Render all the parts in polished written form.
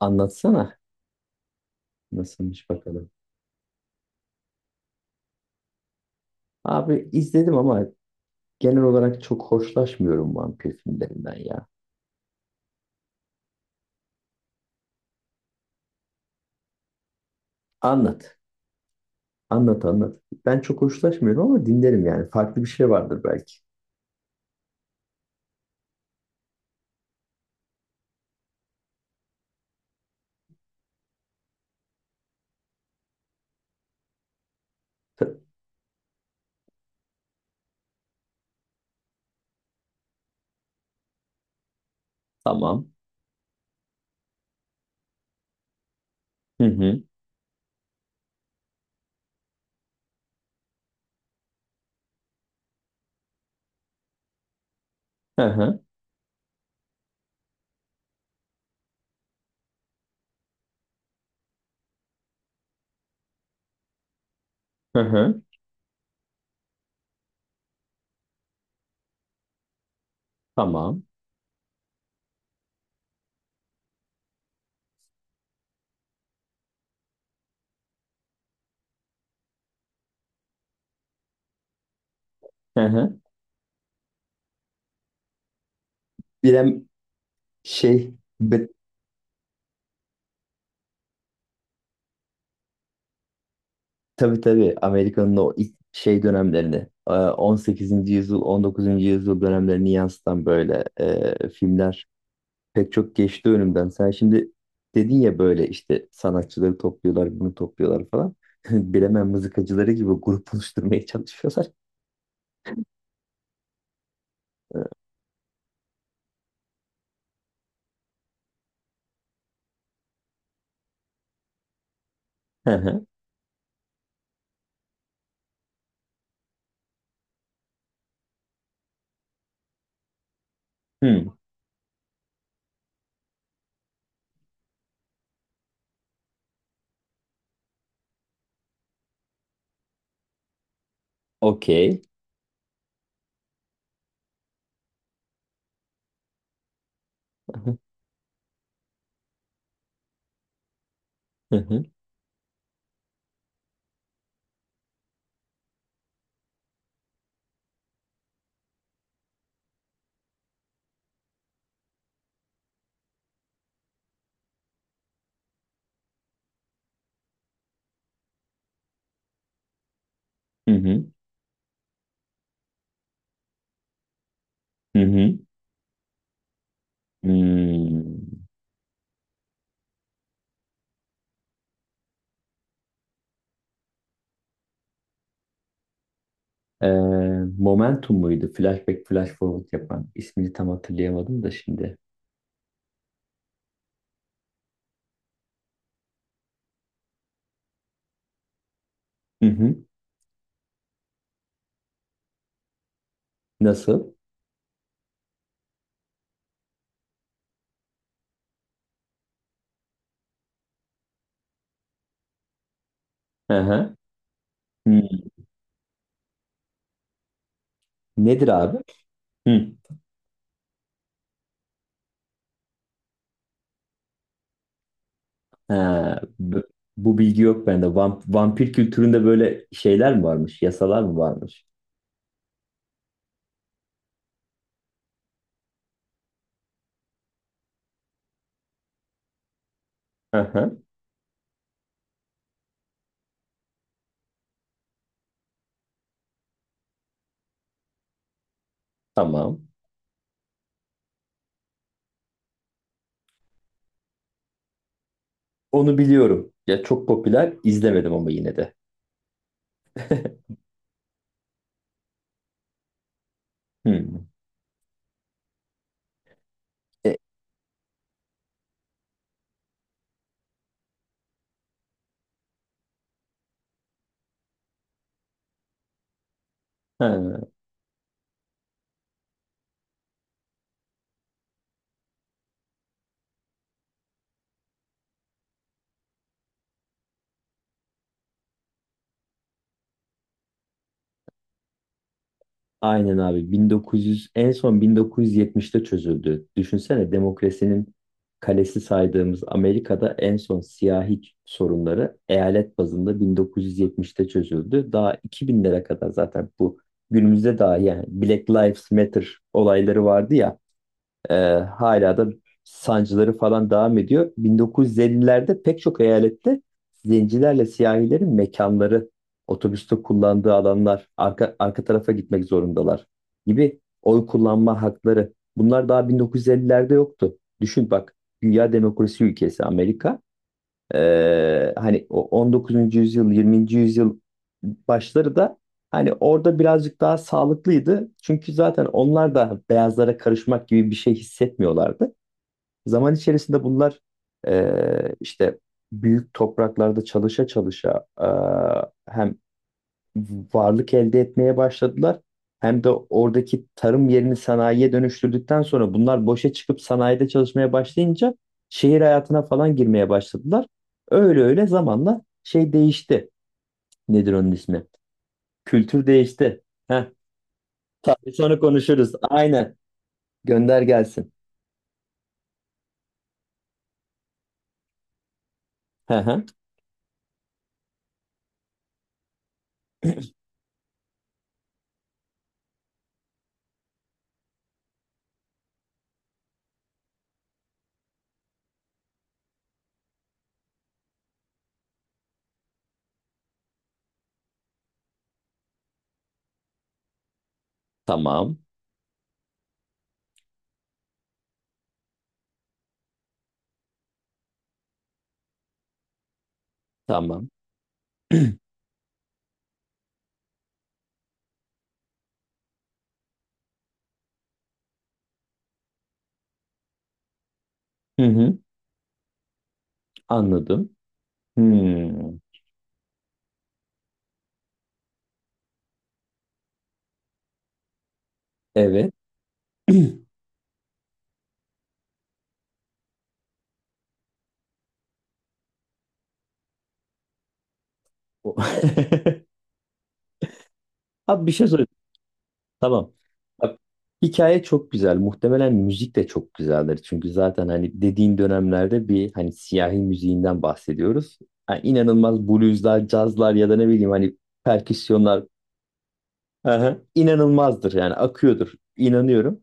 Anlatsana. Nasılmış bakalım. Abi izledim ama genel olarak çok hoşlaşmıyorum vampir filmlerinden ya. Anlat. Anlat anlat. Ben çok hoşlaşmıyorum ama dinlerim yani. Farklı bir şey vardır belki. T- Tamam. Hı hı. Hı hı. Hı hı. Tamam. Hı hı. Bilem şey be, tabii tabii Amerika'nın o ilk şey dönemlerini 18. yüzyıl 19. yüzyıl dönemlerini yansıtan böyle filmler pek çok geçti önümden. Sen şimdi dedin ya böyle işte sanatçıları topluyorlar, bunu topluyorlar falan. Bilemem mızıkacıları gibi grup oluşturmaya çalışıyorlar. Hı hı. Hmm. Okey. Hı hı. Hı hı. Hı hı. Hmm. Ee, Momentum muydu? Flashback, Flash Forward yapan. İsmini tam hatırlayamadım da şimdi. Hı hı. Nasıl? Hı hı. Hmm. Nedir abi? Hı. He, b- bu bilgi yok bende. Vampir kültüründe böyle şeyler mi varmış? Yasalar mı varmış? Hı hı, tamam. Onu biliyorum. Ya çok popüler. İzlemedim ama yine de. Hmm. E, he. Aynen abi 1900 en son 1970'te çözüldü. Düşünsene demokrasinin kalesi saydığımız Amerika'da en son siyahi sorunları eyalet bazında 1970'te çözüldü. Daha 2000'lere kadar zaten bu günümüzde dahi yani Black Lives Matter olayları vardı ya, ee, hala da sancıları falan devam ediyor. 1950'lerde pek çok eyalette zencilerle siyahilerin mekanları, otobüste kullandığı alanlar, arka tarafa gitmek zorundalar gibi oy kullanma hakları. Bunlar daha 1950'lerde yoktu. Düşün bak, dünya demokrasi ülkesi Amerika. Hani o 19. yüzyıl, 20. yüzyıl başları da hani orada birazcık daha sağlıklıydı. Çünkü zaten onlar da beyazlara karışmak gibi bir şey hissetmiyorlardı. Zaman içerisinde bunlar işte büyük topraklarda çalışa çalışa hem varlık elde etmeye başladılar. Hem de oradaki tarım yerini sanayiye dönüştürdükten sonra bunlar boşa çıkıp sanayide çalışmaya başlayınca şehir hayatına falan girmeye başladılar. Öyle öyle zamanla şey değişti. Nedir onun ismi? Kültür değişti. Heh, tabii sonra konuşuruz. Aynen. Gönder gelsin. Hı hı. Tamam. Tamam. Hı hı. Anladım. Hmm. Evet. O- Abi bir şey soracağım. Tamam. Bak, hikaye çok güzel. Muhtemelen müzik de çok güzeldir. Çünkü zaten hani dediğin dönemlerde bir hani siyahi müziğinden bahsediyoruz. Yani inanılmaz blueslar, cazlar ya da ne bileyim hani perküsyonlar. Aha, inanılmazdır yani akıyordur. İnanıyorum.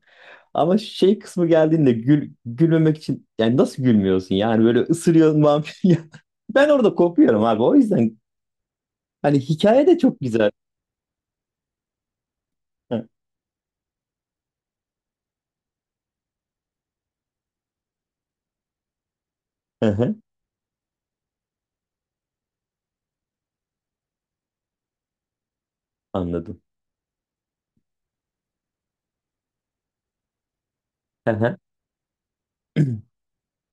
Ama şey kısmı geldiğinde gülmemek için yani nasıl gülmüyorsun yani böyle ısırıyorsun vampir. Ya, ben orada kopuyorum abi. O yüzden hani hikaye de çok güzel. Hı hı. Hı, anladım. Hı hı.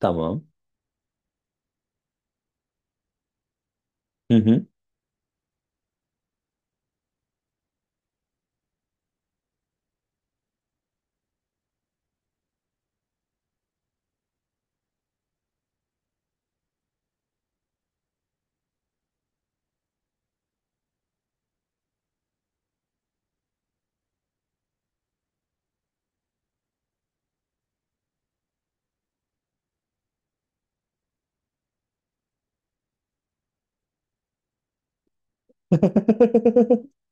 Tamam.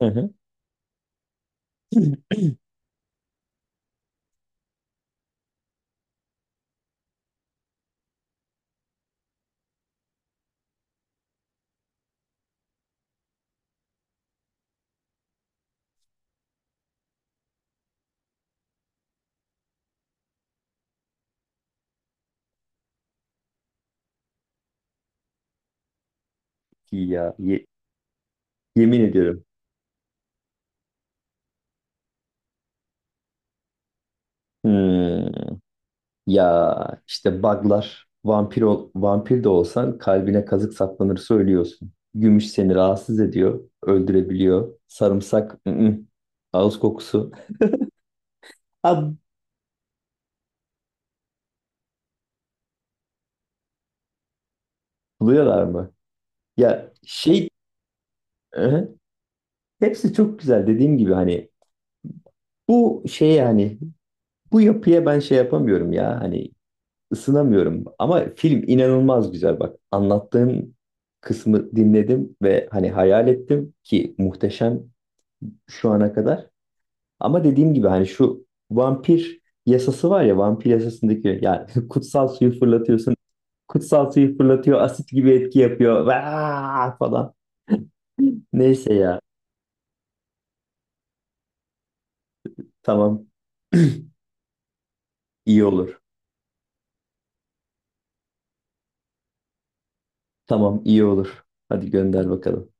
Hı hı. Ya ye- Yemin ediyorum. Hmm, ya işte buglar vampir ol, vampir de olsan kalbine kazık saplanır söylüyorsun. Gümüş seni rahatsız ediyor, öldürebiliyor. Sarımsak, ı -ı. Ağız kokusu. Ha, buluyorlar mı? Ya şey, hı hı. Hepsi çok güzel, dediğim gibi hani bu şey yani bu yapıya ben şey yapamıyorum ya hani. Isınamıyorum ama film inanılmaz güzel bak. Anlattığın kısmı dinledim ve hani hayal ettim ki muhteşem şu ana kadar. Ama dediğim gibi hani şu vampir yasası var ya vampir yasasındaki yani kutsal suyu fırlatıyorsun. Kutsal suyu fırlatıyor, asit gibi etki yapıyor, vaa! Falan. Neyse ya, tamam iyi olur. Tamam iyi olur. Hadi gönder bakalım.